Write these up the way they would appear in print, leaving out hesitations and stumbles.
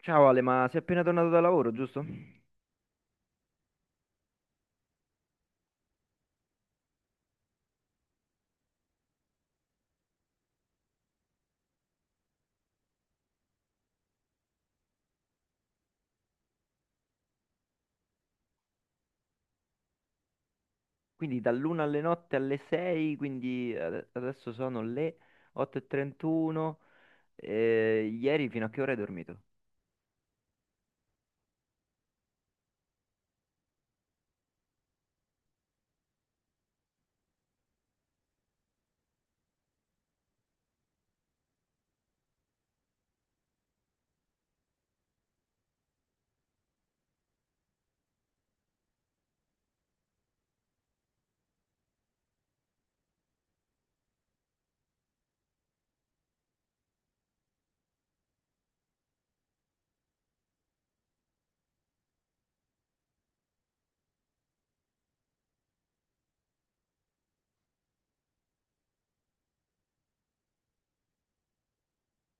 Ciao Ale, ma sei appena tornato da lavoro, giusto? Quindi dall'una alle notte alle 6, quindi adesso sono le 8:31. Ieri fino a che ora hai dormito?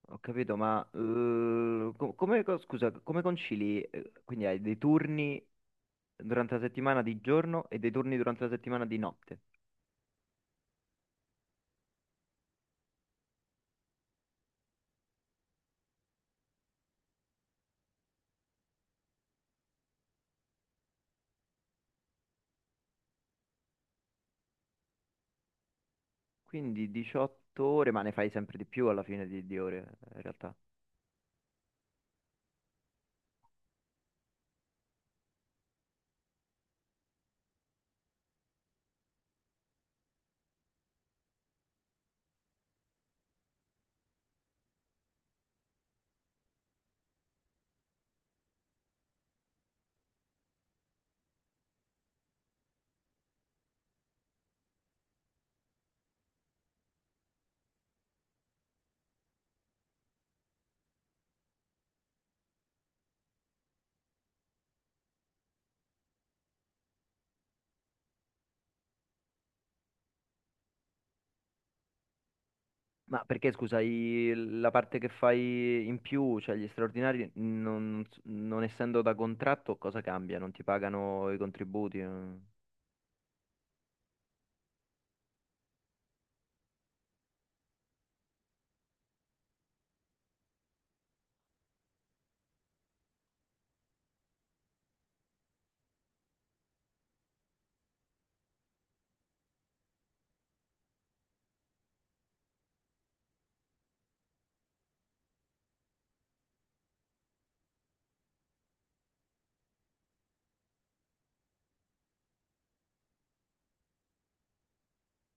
Ho capito, ma come, scusa, come concili? Quindi hai dei turni durante la settimana di giorno e dei turni durante la settimana di notte. Quindi 18 ore, ma ne fai sempre di più alla fine di ore, in realtà. Ma perché scusa, la parte che fai in più, cioè gli straordinari, non essendo da contratto, cosa cambia? Non ti pagano i contributi, eh?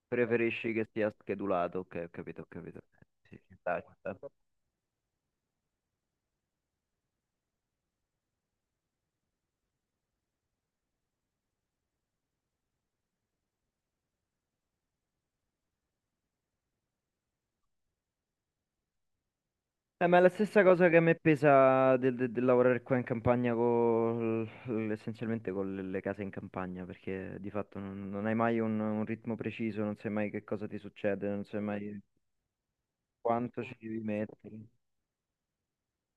Preferisci che sia schedulato? Ok, ho capito, ho capito. Sì, ci sta, ci sta. Ma è la stessa cosa che a me pesa del lavorare qua in campagna essenzialmente con le case in campagna, perché di fatto non hai mai un ritmo preciso, non sai mai che cosa ti succede, non sai mai quanto ci devi mettere.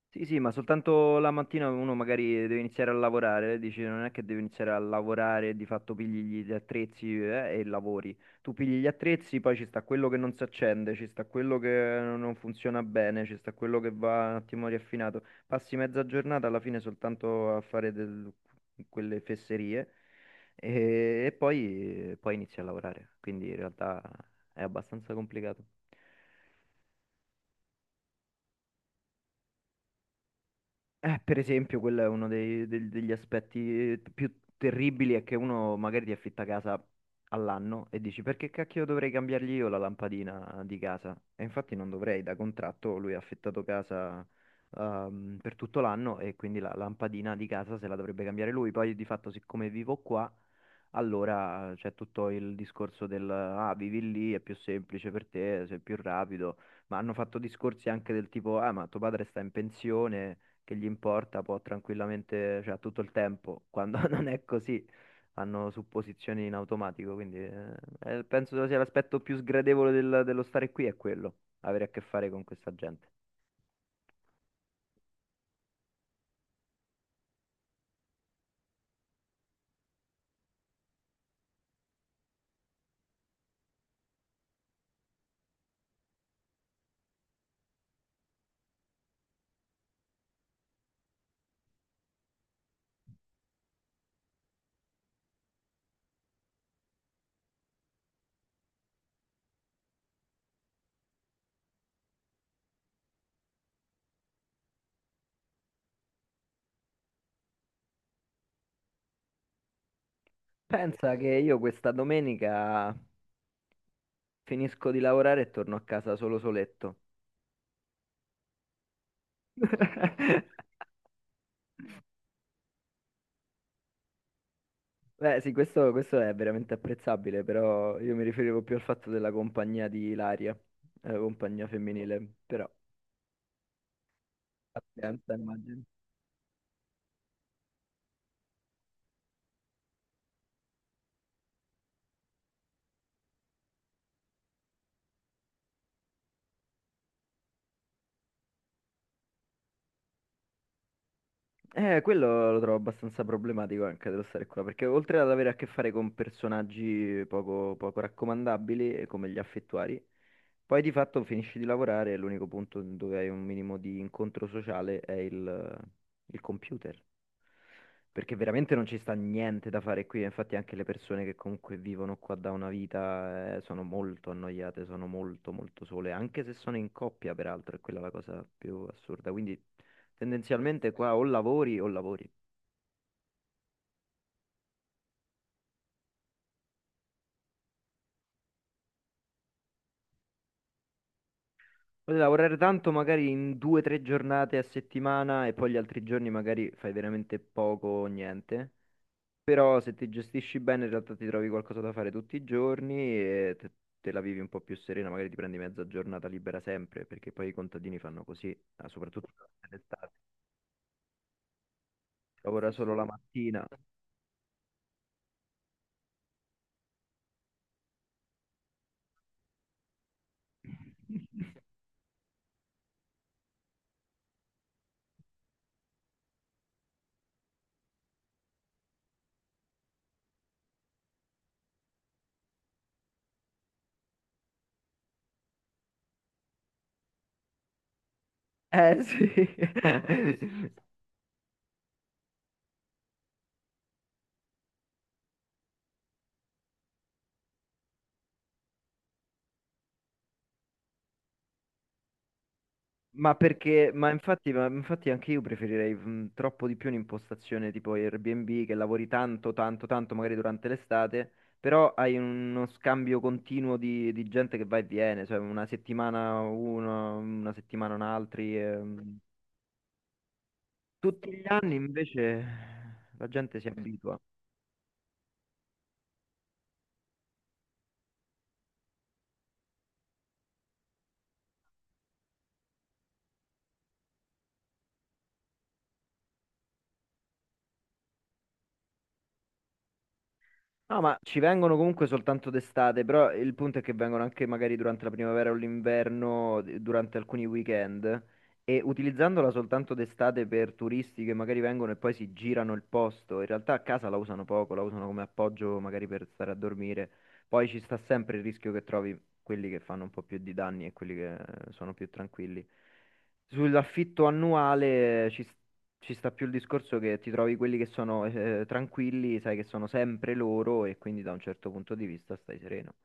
Sì, sì, ma soltanto la mattina uno magari deve iniziare a lavorare, dici non è che devi iniziare a lavorare, di fatto pigli gli attrezzi, e lavori. Tu pigli gli attrezzi, poi ci sta quello che non si accende, ci sta quello che non funziona bene, ci sta quello che va un attimo riaffinato. Passi mezza giornata alla fine soltanto a fare quelle fesserie e poi, poi inizi a lavorare, quindi in realtà è abbastanza complicato. Per esempio, quello è uno degli aspetti più terribili, è che uno magari ti affitta casa all'anno e dici perché cacchio dovrei cambiargli io la lampadina di casa? E infatti non dovrei, da contratto lui ha affittato casa per tutto l'anno e quindi la lampadina di casa se la dovrebbe cambiare lui. Poi di fatto, siccome vivo qua, allora c'è tutto il discorso del ah, vivi lì, è più semplice per te, sei più rapido, ma hanno fatto discorsi anche del tipo ah, ma tuo padre sta in pensione, che gli importa, può tranquillamente, cioè ha tutto il tempo, quando non è così, hanno supposizioni in automatico, quindi penso sia l'aspetto più sgradevole dello stare qui è quello, avere a che fare con questa gente. Pensa che io questa domenica finisco di lavorare e torno a casa solo soletto. Beh, sì, questo è veramente apprezzabile, però io mi riferivo più al fatto della compagnia di Ilaria, compagnia femminile, però pazienza, immagino. Quello lo trovo abbastanza problematico anche dello stare qua, perché oltre ad avere a che fare con personaggi poco, poco raccomandabili, come gli affettuari, poi di fatto finisci di lavorare e l'unico punto dove hai un minimo di incontro sociale è il computer, perché veramente non ci sta niente da fare qui, infatti anche le persone che comunque vivono qua da una vita, sono molto annoiate, sono molto molto sole, anche se sono in coppia peraltro, è quella la cosa più assurda, quindi tendenzialmente qua o lavori o lavori. Puoi lavorare tanto magari in due o tre giornate a settimana e poi gli altri giorni magari fai veramente poco o niente. Però se ti gestisci bene in realtà ti trovi qualcosa da fare tutti i giorni e te la vivi un po' più serena, magari ti prendi mezza giornata libera sempre, perché poi i contadini fanno così, ah, soprattutto durante l'estate. Lavora solo la mattina. Eh sì. Ma perché, ma infatti anche io preferirei troppo di più un'impostazione tipo Airbnb, che lavori tanto, tanto, tanto, magari durante l'estate, però hai uno scambio continuo di gente che va e viene, cioè una settimana uno, una settimana un altri. Mh, tutti gli anni invece la gente si abitua. No, ma ci vengono comunque soltanto d'estate, però il punto è che vengono anche magari durante la primavera o l'inverno, durante alcuni weekend, e utilizzandola soltanto d'estate per turisti che magari vengono e poi si girano il posto, in realtà a casa la usano poco, la usano come appoggio magari per stare a dormire, poi ci sta sempre il rischio che trovi quelli che fanno un po' più di danni e quelli che sono più tranquilli. Sull'affitto annuale ci sta più il discorso che ti trovi quelli che sono tranquilli, sai che sono sempre loro e quindi da un certo punto di vista stai sereno.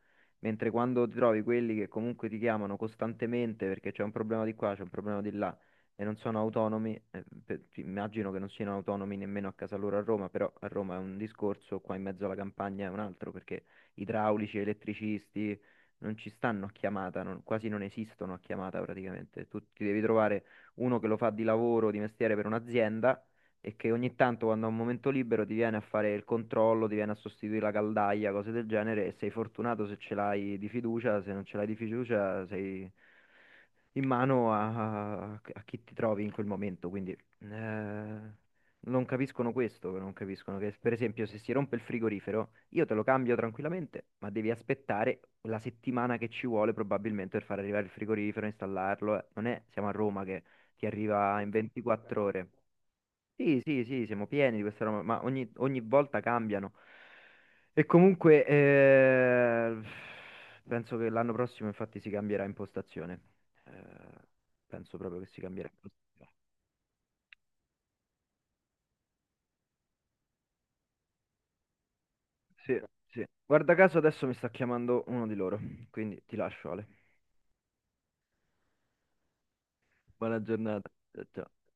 Mentre quando ti trovi quelli che comunque ti chiamano costantemente perché c'è un problema di qua, c'è un problema di là e non sono autonomi, immagino che non siano autonomi nemmeno a casa loro a Roma, però a Roma è un discorso, qua in mezzo alla campagna è un altro, perché idraulici, elettricisti non ci stanno a chiamata, quasi non esistono a chiamata praticamente. Tu ti devi trovare uno che lo fa di lavoro, di mestiere per un'azienda, e che ogni tanto quando ha un momento libero ti viene a fare il controllo, ti viene a sostituire la caldaia, cose del genere, e sei fortunato se ce l'hai di fiducia, se non ce l'hai di fiducia sei in mano a chi ti trovi in quel momento, quindi non capiscono questo, non capiscono che per esempio se si rompe il frigorifero io te lo cambio tranquillamente, ma devi aspettare la settimana che ci vuole probabilmente per far arrivare il frigorifero, installarlo, eh. Non è, siamo a Roma che ti arriva in 24 ore. Sì, sì, sì, siamo pieni di questa roba, ma ogni volta cambiano. E comunque, penso che l'anno prossimo infatti si cambierà impostazione. Eh, penso proprio che si cambierà impostazione. Sì, sì. Guarda caso adesso mi sta chiamando uno di loro, quindi ti lascio, Ale. Buona giornata. Ciao, ciao.